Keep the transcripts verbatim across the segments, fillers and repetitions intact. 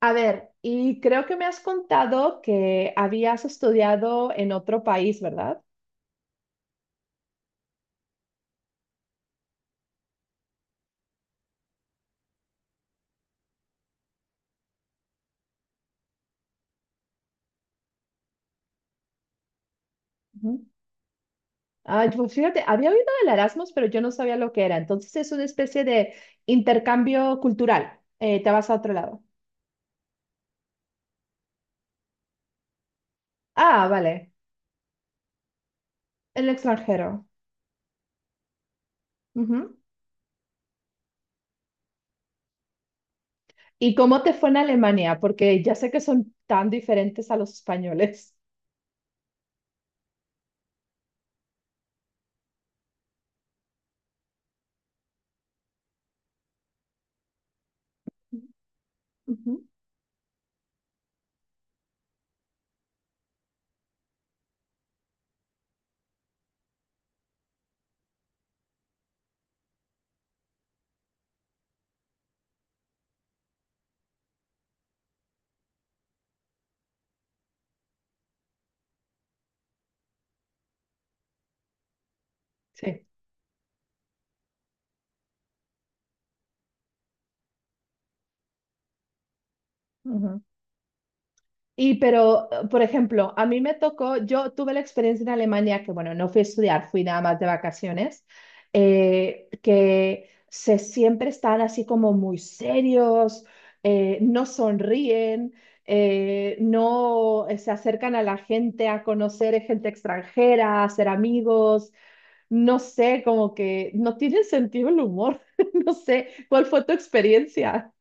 A ver, y creo que me has contado que habías estudiado en otro país, ¿verdad? Ujú. Ay, pues fíjate, había oído del Erasmus, pero yo no sabía lo que era. Entonces es una especie de intercambio cultural. Eh, te vas a otro lado. Ah, vale. El extranjero. Ujú. ¿Y cómo te fue en Alemania? Porque ya sé que son tan diferentes a los españoles. Ujú. Sí. Y pero, eh, por ejemplo, a mí me tocó, yo tuve la experiencia en Alemania, que bueno, no fui a estudiar, fui nada más de vacaciones, eh, que se siempre están así como muy serios, eh, no sonríen, eh, no eh, se acercan a la gente a conocer eh, gente extranjera, a ser amigos, no sé, como que no tienen sentido el humor, no sé, ¿cuál fue tu experiencia?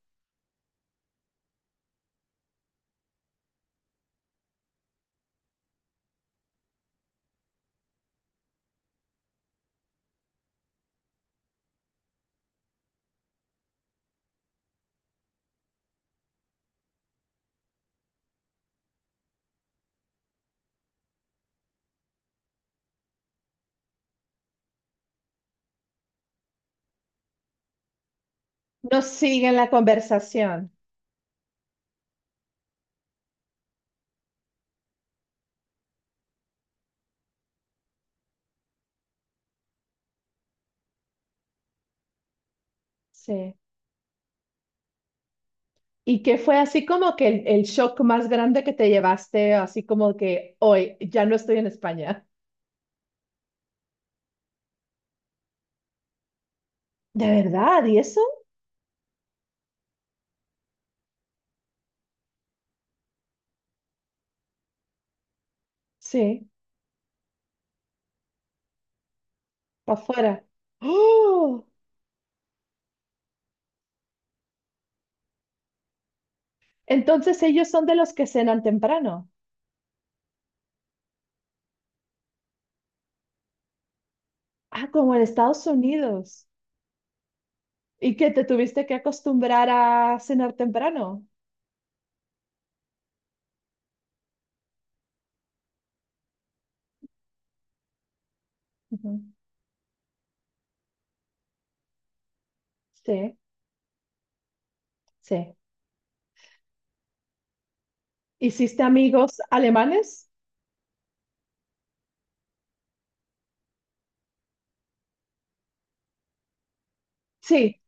No siguen la conversación, sí. ¿Y qué fue así como que el, el shock más grande que te llevaste, así como que hoy ya no estoy en España? ¿De verdad? ¿Y eso? Sí, para afuera. ¡Oh! Entonces ellos son de los que cenan temprano. Ah, como en Estados Unidos. Y que te tuviste que acostumbrar a cenar temprano. Ujú. Sí, sí. ¿Hiciste amigos alemanes? Sí,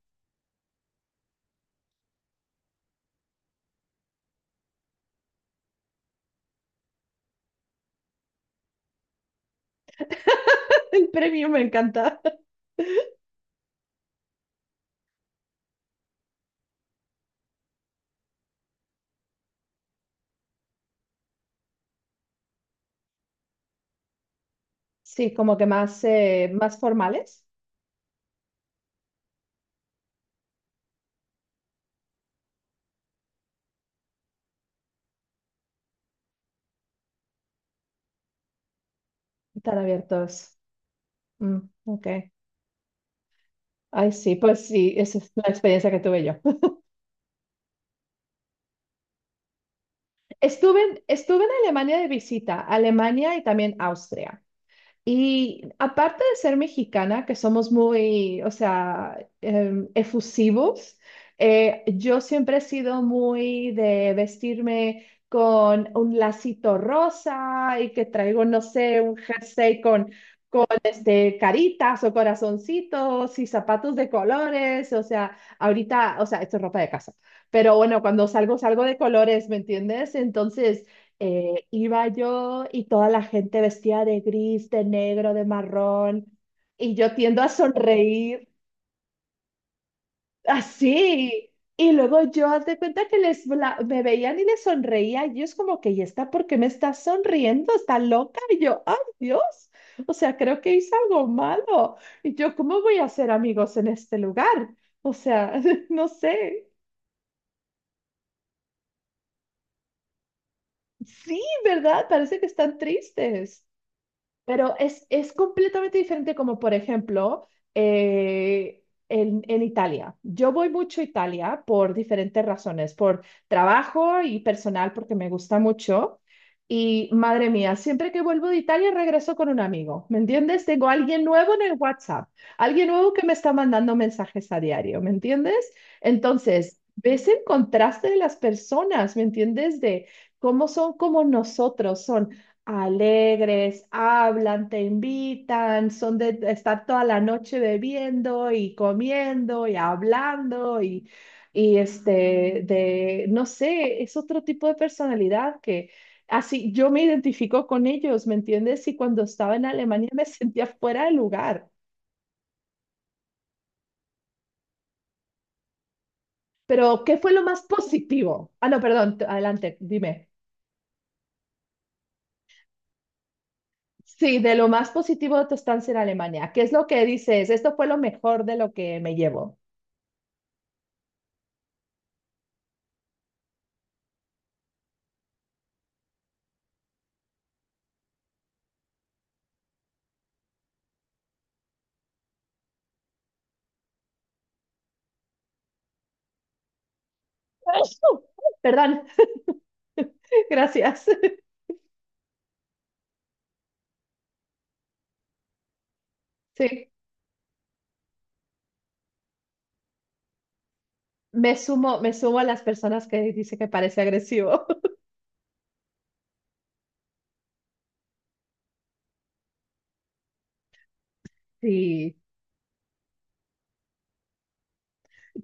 el premio me encanta. Sí, como que más, eh, más formales, tan abiertos. Mm, ok. Ay, sí, pues sí, esa es la experiencia que tuve yo. Estuve en, estuve en Alemania de visita, Alemania y también Austria. Y aparte de ser mexicana, que somos muy, o sea, em, efusivos, eh, yo siempre he sido muy de vestirme con un lacito rosa y que traigo, no sé, un jersey con, con este, caritas o corazoncitos y zapatos de colores. O sea, ahorita, o sea, esto es ropa de casa, pero bueno, cuando salgo, salgo de colores, ¿me entiendes? Entonces eh, iba yo y toda la gente vestida de gris, de negro, de marrón, y yo tiendo a sonreír así. Y luego yo, haz de cuenta que les la- me veían y les sonreía, y ellos como que, ¿y está por qué me está sonriendo? ¿Está loca? Y yo, ¡ay, Dios! O sea, creo que hice algo malo. Y yo, ¿cómo voy a hacer amigos en este lugar? O sea, no sé. Sí, ¿verdad? Parece que están tristes. Pero es, es completamente diferente como, por ejemplo, eh, en, en Italia. Yo voy mucho a Italia por diferentes razones, por trabajo y personal, porque me gusta mucho. Y madre mía, siempre que vuelvo de Italia regreso con un amigo, ¿me entiendes? Tengo alguien nuevo en el WhatsApp, alguien nuevo que me está mandando mensajes a diario, ¿me entiendes? Entonces, ves el contraste de las personas, ¿me entiendes? De cómo son como nosotros son alegres, hablan, te invitan, son de estar toda la noche bebiendo y comiendo y hablando y, y este, de, no sé, es otro tipo de personalidad que así yo me identifico con ellos, ¿me entiendes? Y cuando estaba en Alemania me sentía fuera de lugar. Pero, ¿qué fue lo más positivo? Ah, no, perdón, t- adelante, dime. Sí, de lo más positivo de tu estancia en Alemania. ¿Qué es lo que dices? Esto fue lo mejor de lo que me llevo. Perdón, gracias. Sí, me sumo, me sumo a las personas que dice que parece agresivo. Sí,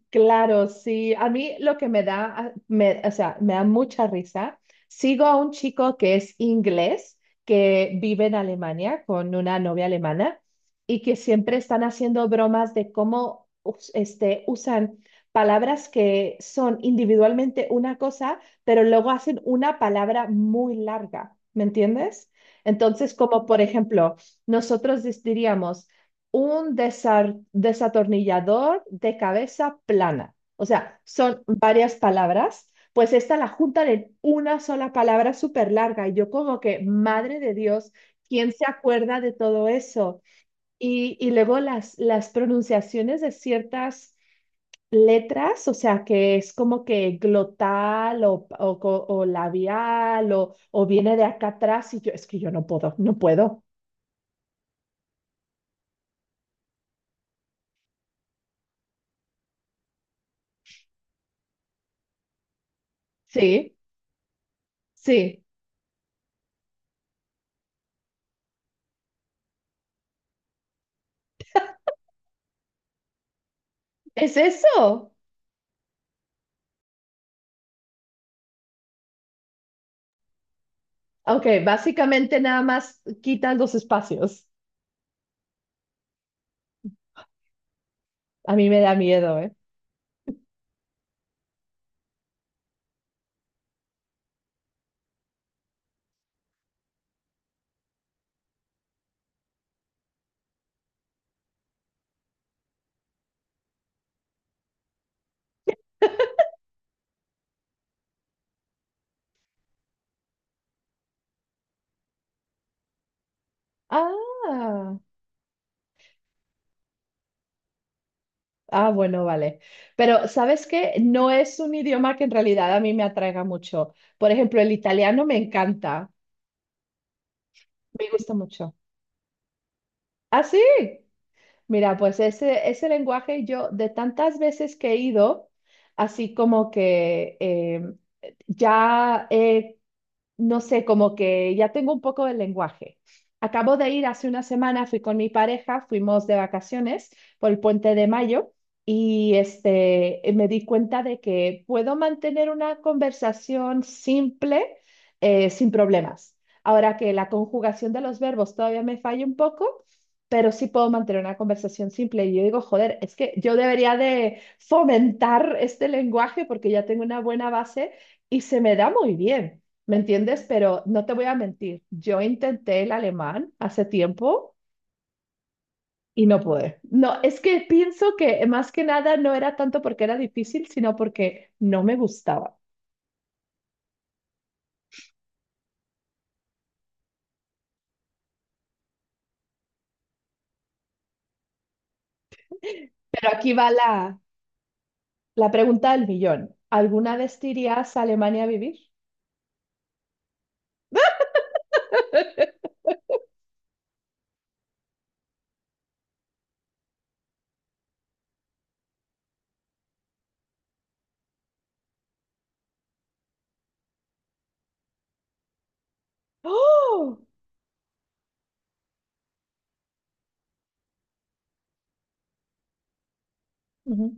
claro, sí. A mí lo que me da, ah, me- o sea, me da mucha risa. Sigo a un chico que es inglés, que vive en Alemania con una novia alemana y que siempre están haciendo bromas de cómo us- este, usan palabras que son individualmente una cosa, pero luego hacen una palabra muy larga. ¿Me entiendes? Entonces, como por ejemplo, nosotros dis- diríamos un desar- desatornillador de cabeza plana. O sea, son varias palabras, pues esta la juntan en una sola palabra súper larga. Y yo como que, madre de Dios, ¿quién se acuerda de todo eso? Y, y luego las, las pronunciaciones de ciertas letras, o sea, que es como que glotal o, o co- o labial o, o viene de acá atrás y yo, es que yo no puedo, no puedo. Sí, sí, es eso. Ok, básicamente nada más quitan los espacios. A mí me da miedo, ¿eh? Ah, ah, bueno, vale. Pero ¿sabes qué? No es un idioma que en realidad a mí me atraiga mucho. Por ejemplo, el italiano me encanta, me gusta mucho. ¿Ah, sí? Mira, pues ese, ese lenguaje yo de tantas veces que he ido, así como que eh, ya he no sé, como que ya tengo un poco del lenguaje. Acabo de ir hace una semana, fui con mi pareja, fuimos de vacaciones por el puente de mayo y este, eh, me di cuenta de que puedo mantener una conversación simple eh, sin problemas. Ahora que la conjugación de los verbos todavía me falla un poco, pero sí puedo mantener una conversación simple. Y yo digo, joder, es que yo debería de fomentar este lenguaje porque ya tengo una buena base y se me da muy bien. ¿Me entiendes? Pero no te voy a mentir, yo intenté el alemán hace tiempo y no pude. No, es que pienso que más que nada no era tanto porque era difícil, sino porque no me gustaba. Pero aquí va la, la pregunta del millón. ¿Alguna vez te irías a Alemania a vivir? ¡Oh! Ujú.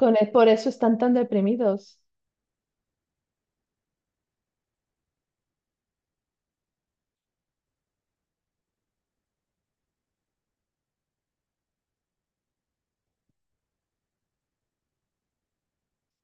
Con, e- por eso están tan deprimidos.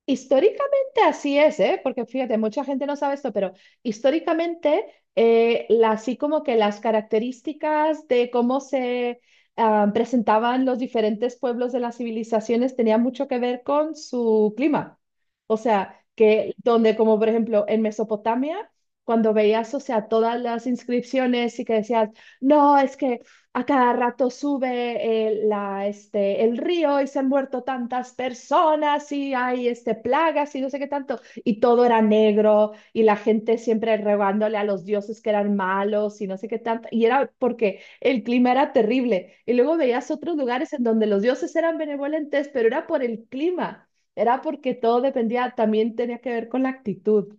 Históricamente así es, ¿eh? Porque fíjate, mucha gente no sabe esto, pero históricamente eh, la- así como que las características de cómo se ah, presentaban los diferentes pueblos de las civilizaciones tenía mucho que ver con su clima. O sea, que donde como por ejemplo en Mesopotamia, cuando veías, o sea, todas las inscripciones y que decías, no, es que a cada rato sube el, la, este, el río y se han muerto tantas personas y hay este, plagas y no sé qué tanto. Y todo era negro y la gente siempre rogándole a los dioses que eran malos y no sé qué tanto. Y era porque el clima era terrible. Y luego veías otros lugares en donde los dioses eran benevolentes, pero era por el clima. Era porque todo dependía, también tenía que ver con la actitud.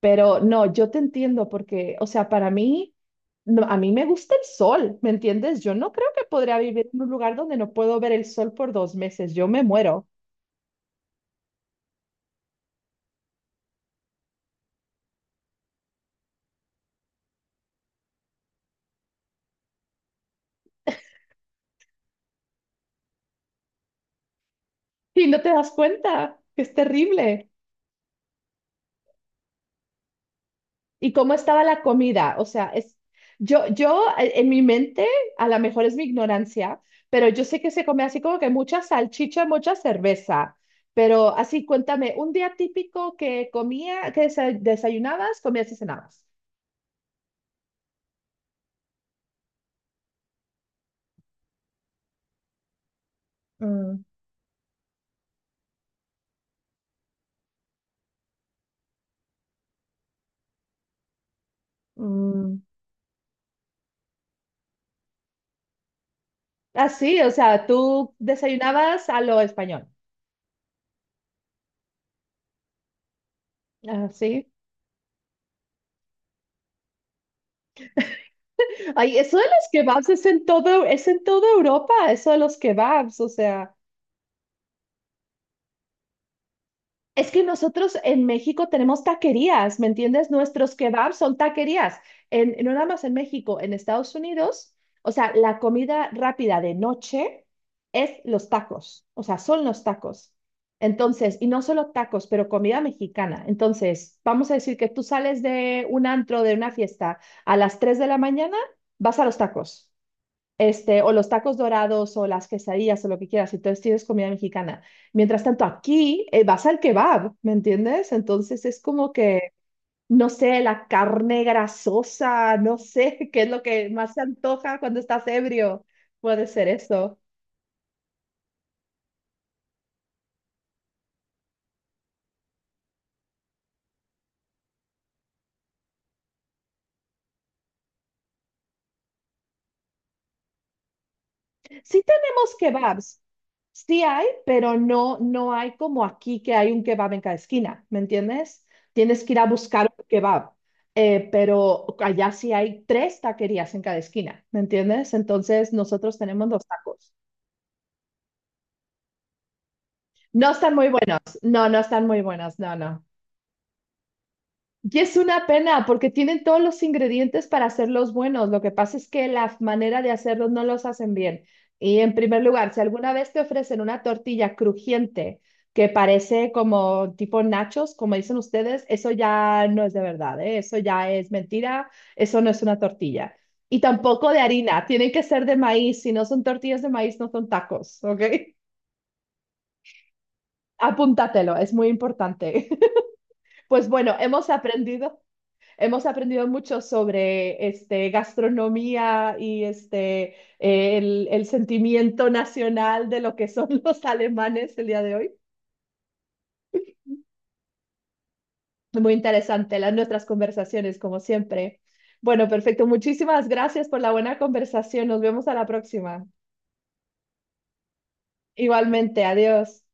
Pero no, yo te entiendo porque, o sea, para mí, no, a mí me gusta el sol, ¿me entiendes? Yo no creo que podría vivir en un lugar donde no puedo ver el sol por dos meses, yo me muero. Y no te das cuenta, que es terrible. ¿Y cómo estaba la comida? O sea, es, yo, yo eh, en mi mente, a lo mejor es mi ignorancia, pero yo sé que se come así como que mucha salchicha, mucha cerveza. Pero así, cuéntame, un día típico que comía, que desa- desayunabas, comías y cenabas. Mm, mm. Así, o sea, tú desayunabas a lo español. Así. Ay, eso de los kebabs es en todo, es en toda Europa, eso de los kebabs, o sea. Es que nosotros en México tenemos taquerías, ¿me entiendes? Nuestros kebabs son taquerías. En, no nada más en México, en Estados Unidos, o sea, la comida rápida de noche es los tacos, o sea, son los tacos. Entonces, y no solo tacos, pero comida mexicana. Entonces, vamos a decir que tú sales de un antro, de una fiesta, a las tres de la mañana, vas a los tacos este, o los tacos dorados o las quesadillas o lo que quieras, entonces tienes comida mexicana. Mientras tanto, aquí eh, vas al kebab, ¿me entiendes? Entonces es como que, no sé, la carne grasosa, no sé, qué es lo que más se antoja cuando estás ebrio. Puede ser eso. Sí tenemos kebabs, sí hay, pero no, no hay como aquí que hay un kebab en cada esquina, ¿me entiendes? Tienes que ir a buscar un kebab, eh, pero allá sí hay tres taquerías en cada esquina, ¿me entiendes? Entonces nosotros tenemos los tacos. No están muy buenos, no, no están muy buenos, no, no. Y es una pena porque tienen todos los ingredientes para hacerlos buenos. Lo que pasa es que la manera de hacerlos no los hacen bien. Y en primer lugar, si alguna vez te ofrecen una tortilla crujiente que parece como tipo nachos, como dicen ustedes, eso ya no es de verdad, ¿eh? Eso ya es mentira, eso no es una tortilla. Y tampoco de harina, tienen que ser de maíz. Si no son tortillas de maíz, no son tacos, ¿ok? Apúntatelo, es muy importante. Pues bueno, hemos aprendido. Hemos aprendido mucho sobre este, gastronomía y este, eh, el, el sentimiento nacional de lo que son los alemanes el día de hoy. Muy interesante las nuestras conversaciones, como siempre. Bueno, perfecto. Muchísimas gracias por la buena conversación. Nos vemos a la próxima. Igualmente, adiós.